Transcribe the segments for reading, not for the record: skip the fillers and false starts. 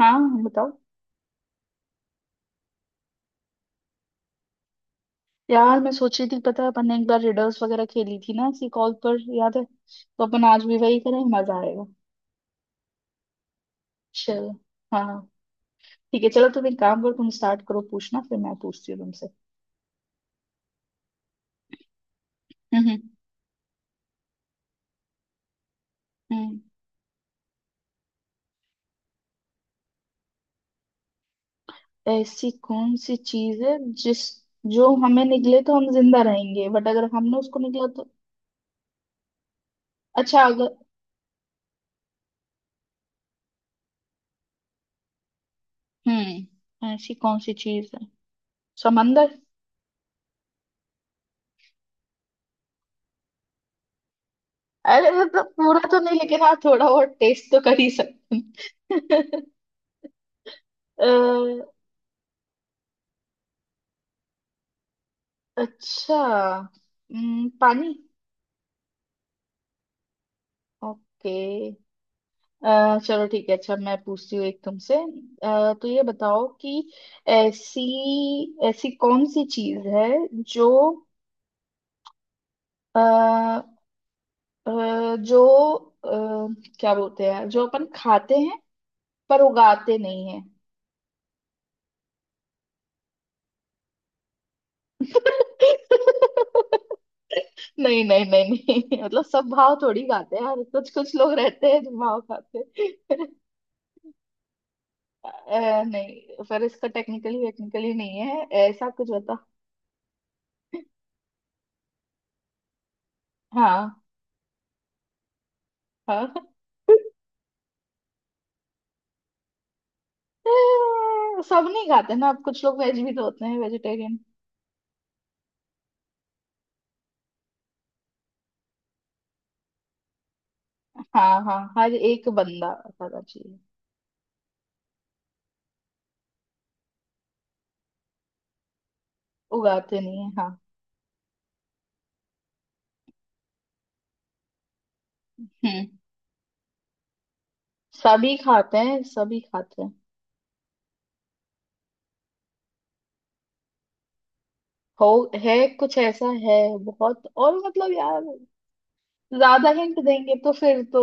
हाँ, बताओ। यार, मैं सोच रही थी पता है अपन ने एक बार रिडल्स वगैरह खेली थी ना इसी कॉल पर, याद है? तो अपन आज भी वही करें, मजा आएगा। चलो। हाँ, ठीक है, चलो, तुम एक काम करो, तुम स्टार्ट करो पूछना, फिर मैं पूछती हूँ तुमसे। हम्म, हम्म, हम्म। ऐसी कौन सी चीज है जिस जो हमें निकले तो हम जिंदा रहेंगे, बट अगर हमने उसको निकला तो? अच्छा, अगर। ऐसी कौन सी चीज है? समंदर? अरे मतलब पूरा तो नहीं, लेकिन हाँ थोड़ा बहुत टेस्ट तो कर ही सकते हैं। अच्छा। पानी। ओके। चलो ठीक है, अच्छा, मैं पूछती हूँ एक तुमसे। तो ये बताओ कि ऐसी ऐसी कौन सी चीज है जो आ, जो अ, क्या बोलते हैं, जो अपन खाते हैं पर उगाते नहीं है? नहीं, नहीं, नहीं, नहीं, मतलब सब भाव थोड़ी खाते हैं यार, कुछ कुछ लोग रहते हैं जो भाव खाते हैं। नहीं, पर इसका टेक्निकली टेक्निकली नहीं है ऐसा कुछ होता। हाँ, हाँ। सब नहीं खाते ना, अब कुछ लोग वेज भी तो होते हैं, वेजिटेरियन। हाँ, हाँ, हर एक बंदा खाना चाहिए। उगाते नहीं है, हाँ। हम्म सभी खाते हैं, सभी खाते हैं। हो, है कुछ ऐसा है, बहुत, और मतलब यार ज्यादा हिंट देंगे तो फिर तो।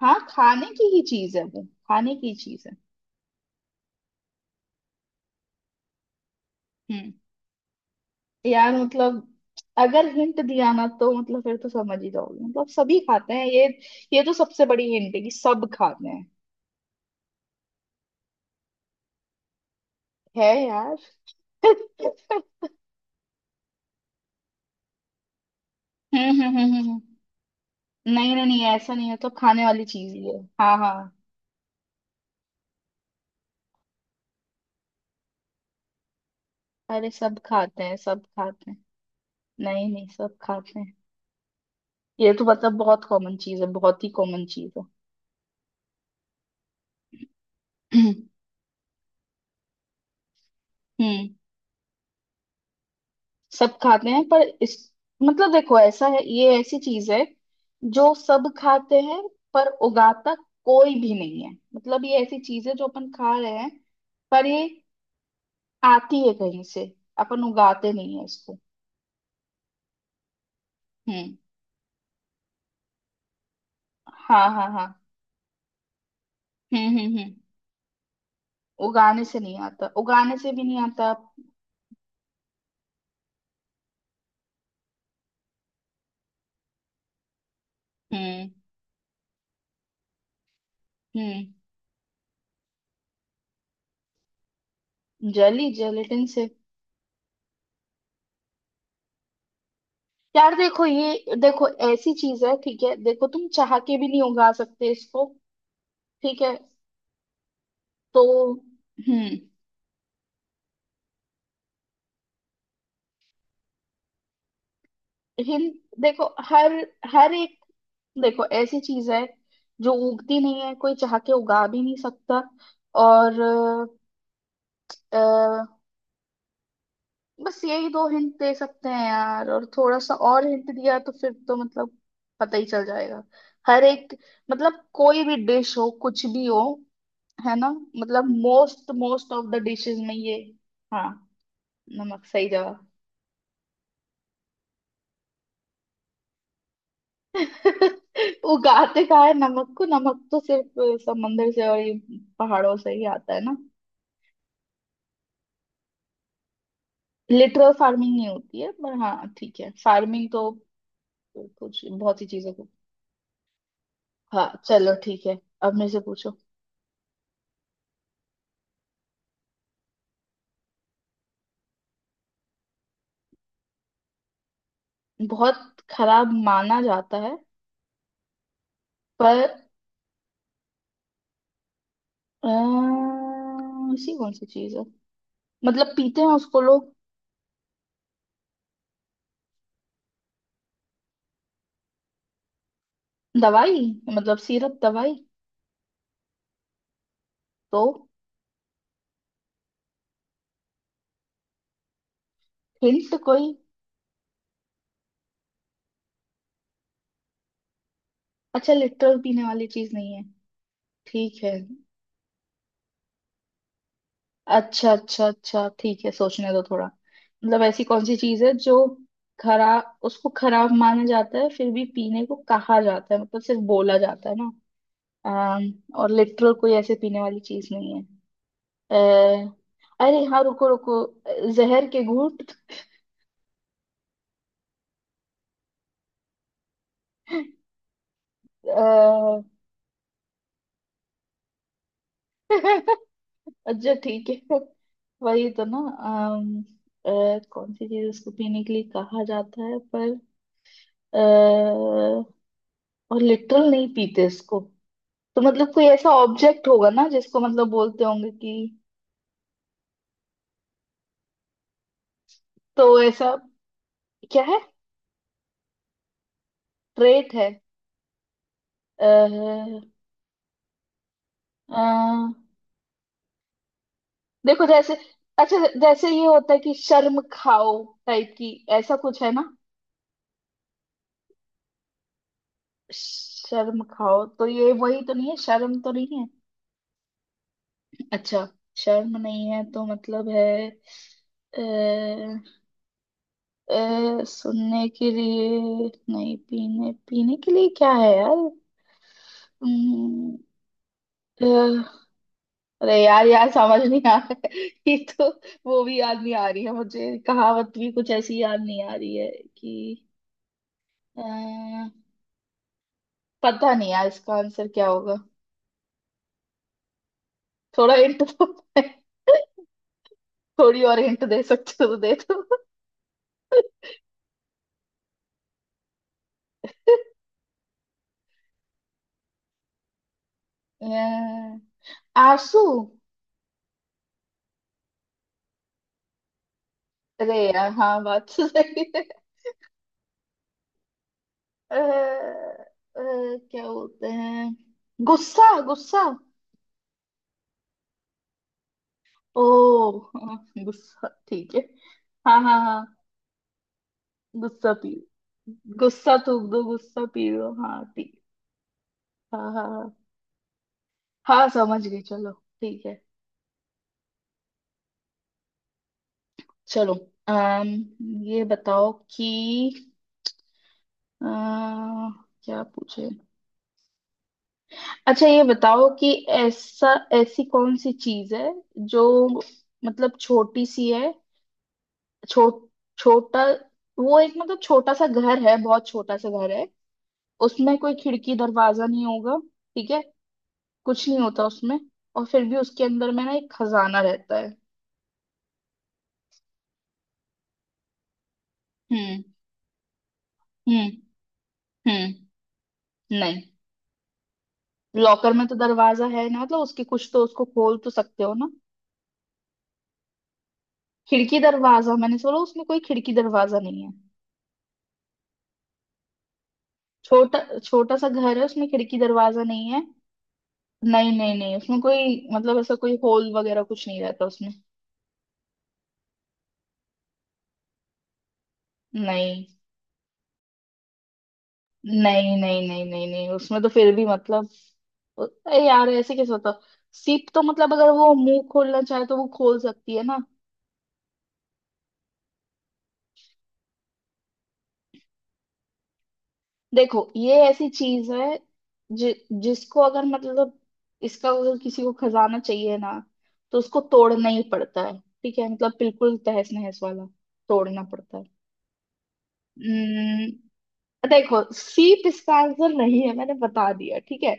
हाँ, खाने की ही चीज है वो, खाने की चीज है। हम्म। यार मतलब अगर हिंट दिया ना तो मतलब फिर तो समझ ही जाओगे, मतलब सभी खाते हैं ये तो सबसे बड़ी हिंट है कि सब खाते हैं। है यार। हम्म, हम्म, हम्म, हम्म, नहीं, नहीं, नहीं, ऐसा नहीं है, तो खाने वाली चीज ही है, हाँ हाँ। अरे सब खाते हैं, सब खाते हैं। नहीं नहीं, सब खाते हैं। ये तो मतलब बहुत कॉमन चीज है, बहुत ही कॉमन चीज है। हम्म। सब खाते हैं पर इस मतलब देखो ऐसा है, ये ऐसी चीज है जो सब खाते हैं पर उगाता कोई भी नहीं है। मतलब ये ऐसी चीज है जो अपन खा रहे हैं, पर ये आती है कहीं से, अपन उगाते नहीं है इसको। हम्म, हाँ हाँ हाँ। हम्म हम्म हम्म उगाने से नहीं आता, उगाने से भी नहीं आता। हम्म हम्म जली जेलेटिन से। यार देखो, ये देखो ऐसी चीज है, ठीक है, देखो तुम चाह के भी नहीं उगा सकते इसको, ठीक है तो। हम्म हिल। देखो हर हर एक, देखो ऐसी चीज है जो उगती नहीं है, कोई चाह के उगा भी नहीं सकता। और अ, बस यही दो हिंट दे सकते हैं यार, और थोड़ा सा और हिंट दिया तो फिर तो मतलब पता ही चल जाएगा। हर एक, मतलब कोई भी डिश हो, कुछ भी हो, है ना, मतलब most most of the dishes में ये। हाँ, नमक सही जवाब। उगाते कहाँ है नमक को? नमक तो सिर्फ समंदर से और ये पहाड़ों से ही आता है ना। लिटरल फार्मिंग नहीं होती है, पर हाँ ठीक है, फार्मिंग तो कुछ बहुत सी चीजों को। हाँ, चलो ठीक है, अब मेरे से पूछो। बहुत खराब माना जाता है पर। ऐसी कौन सी चीज है, मतलब पीते हैं उसको लोग? दवाई, मतलब सिरप, दवाई। तो हिंट कोई? अच्छा, लिटरल पीने वाली चीज नहीं है, ठीक है। अच्छा, अच्छा, अच्छा, ठीक है, सोचने दो थोड़ा, मतलब ऐसी कौन सी चीज है जो खराब, उसको खराब माना जाता है फिर भी पीने को कहा जाता है, मतलब सिर्फ बोला जाता है ना। अम, और लिटरल कोई ऐसे पीने वाली चीज नहीं है। अ, अरे हाँ, रुको रुको, जहर के घूंट? अ, अच्छा ठीक है, वही तो ना। कौन सी चीज उसको पीने के लिए कहा जाता है पर अ, और लिटरल नहीं पीते इसको? तो मतलब कोई ऐसा ऑब्जेक्ट होगा ना जिसको मतलब बोलते होंगे कि, तो ऐसा क्या है? ट्रेट है? अह, अह, देखो जैसे, अच्छा जैसे ये होता है कि शर्म खाओ टाइप की, ऐसा कुछ है ना? शर्म खाओ तो ये वही तो नहीं है, शर्म तो नहीं है? अच्छा, शर्म नहीं है तो मतलब है। अह, अह, सुनने के लिए, नहीं पीने पीने के लिए क्या है? यार, अरे यार यार, समझ नहीं आ रहा है, ये तो, वो भी याद नहीं आ रही है मुझे, कहावत भी कुछ ऐसी याद नहीं आ रही है कि। अ, पता नहीं यार इसका आंसर क्या होगा। थोड़ा हिंट दो। थोड़ी और हिंट दे सकते हो तो दे दो। अ, आंसू? अरे यार हाँ, बात तो सही है। अ, अ, क्या बोलते हैं, गुस्सा, गुस्सा? ओ हाँ, गुस्सा, ठीक है। हाँ हाँ हाँ, गुस्सा। गुस्सा थूक दो, गुस्सा पी लो, हाँ ठीक। हाँ हाँ हाँ। हाँ, समझ गई, चलो। ठीक है, चलो। अम ये बताओ कि। अ, क्या पूछे? अच्छा ये बताओ कि ऐसा ऐसी कौन सी चीज है जो मतलब छोटी सी है। छो, छोटा, वो एक मतलब छोटा सा घर है, बहुत छोटा सा घर है, उसमें कोई खिड़की दरवाजा नहीं होगा, ठीक है, कुछ नहीं होता उसमें, और फिर भी उसके अंदर में ना एक खजाना रहता है। हम्म हम्म हम्म नहीं, लॉकर में तो दरवाजा है ना, मतलब उसके कुछ तो, उसको खोल तो सकते हो ना। खिड़की दरवाजा मैंने बोला, उसमें कोई खिड़की दरवाजा नहीं है। छोटा छोटा सा घर है, उसमें खिड़की दरवाजा नहीं है। नहीं नहीं नहीं, उसमें कोई मतलब ऐसा कोई होल वगैरह कुछ नहीं रहता उसमें। नहीं, नहीं, नहीं, नहीं, नहीं, नहीं, उसमें तो फिर भी मतलब। अरे यार, ऐसे कैसे होता? सीप तो मतलब अगर वो मुंह खोलना चाहे तो वो खोल सकती है ना। देखो ये ऐसी चीज है, जिसको अगर मतलब, इसका अगर किसी को खजाना चाहिए ना तो उसको तोड़ना ही पड़ता है, ठीक है, मतलब बिल्कुल तहस नहस वाला तोड़ना पड़ता है। हम्म, देखो, सीप इसका आंसर नहीं है, मैंने बता दिया, ठीक है।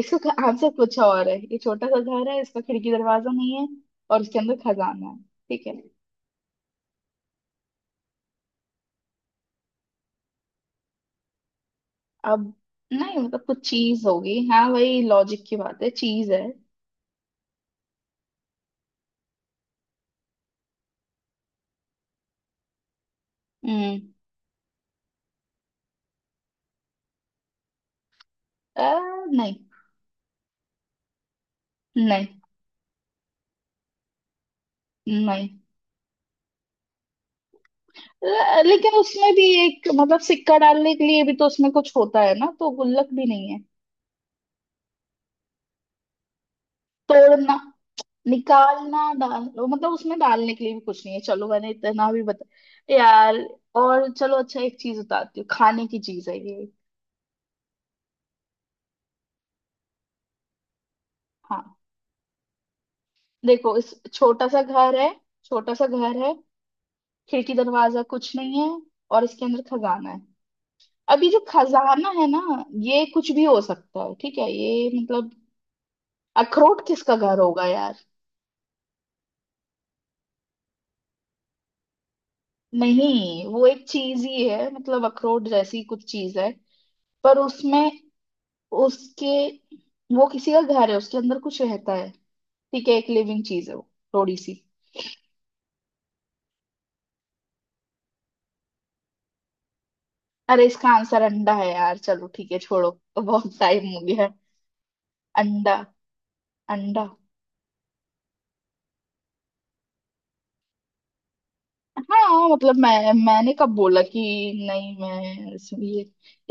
इसका आंसर कुछ और है। ये छोटा सा घर है, इसका खिड़की दरवाजा नहीं है और इसके अंदर खजाना है, ठीक है अब। नहीं मतलब कुछ चीज होगी, हाँ, वही लॉजिक की बात है, चीज है। हम्म अ, नहीं, नहीं, नहीं। लेकिन उसमें भी एक मतलब सिक्का डालने के लिए भी तो उसमें कुछ होता है ना, तो गुल्लक भी नहीं है। तोड़ना, निकालना, डाल मतलब उसमें डालने के लिए भी कुछ नहीं है, चलो मैंने इतना भी बता यार। और चलो, अच्छा एक चीज बताती हूँ, खाने की चीज है ये। हाँ देखो, इस छोटा सा घर है, छोटा सा घर है, खिड़की दरवाजा कुछ नहीं है और इसके अंदर खजाना है, अभी जो खजाना है ना, ये कुछ भी हो सकता है, ठीक है, ये मतलब। अखरोट किसका घर होगा यार? नहीं, वो एक चीज ही है, मतलब अखरोट जैसी कुछ चीज है पर उसमें, उसके, वो किसी का घर है, उसके अंदर कुछ रहता है, ठीक है, एक लिविंग चीज है वो, थोड़ी सी। अरे इसका आंसर अंडा है यार, चलो ठीक है छोड़ो, बहुत टाइम हो गया। अंडा, अंडा। हाँ मतलब मैंने कब बोला कि नहीं, मैं ये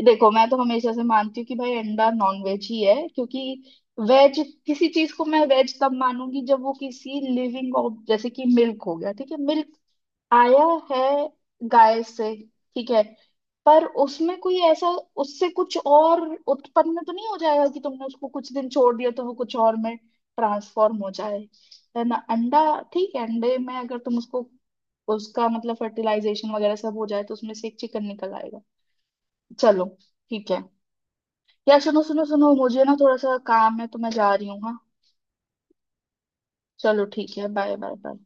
देखो, मैं तो हमेशा से मानती हूँ कि भाई अंडा नॉन वेज ही है, क्योंकि वेज, किसी चीज को मैं वेज तब मानूंगी जब वो किसी लिविंग, जैसे कि मिल्क हो गया, ठीक है, मिल्क आया है गाय से, ठीक है, पर उसमें कोई ऐसा, उससे कुछ और उत्पन्न तो नहीं हो जाएगा कि तुमने उसको कुछ दिन छोड़ दिया तो वो कुछ और में ट्रांसफॉर्म हो जाए, है ना? अंडा, ठीक है, अंडे में अगर तुम उसको उसका मतलब फर्टिलाइजेशन वगैरह सब हो जाए तो उसमें से एक चिकन निकल आएगा, चलो ठीक है। यार सुनो सुनो सुनो, मुझे ना थोड़ा सा काम है, तो मैं जा रही हूँ, हाँ। चलो ठीक है, बाय बाय बाय।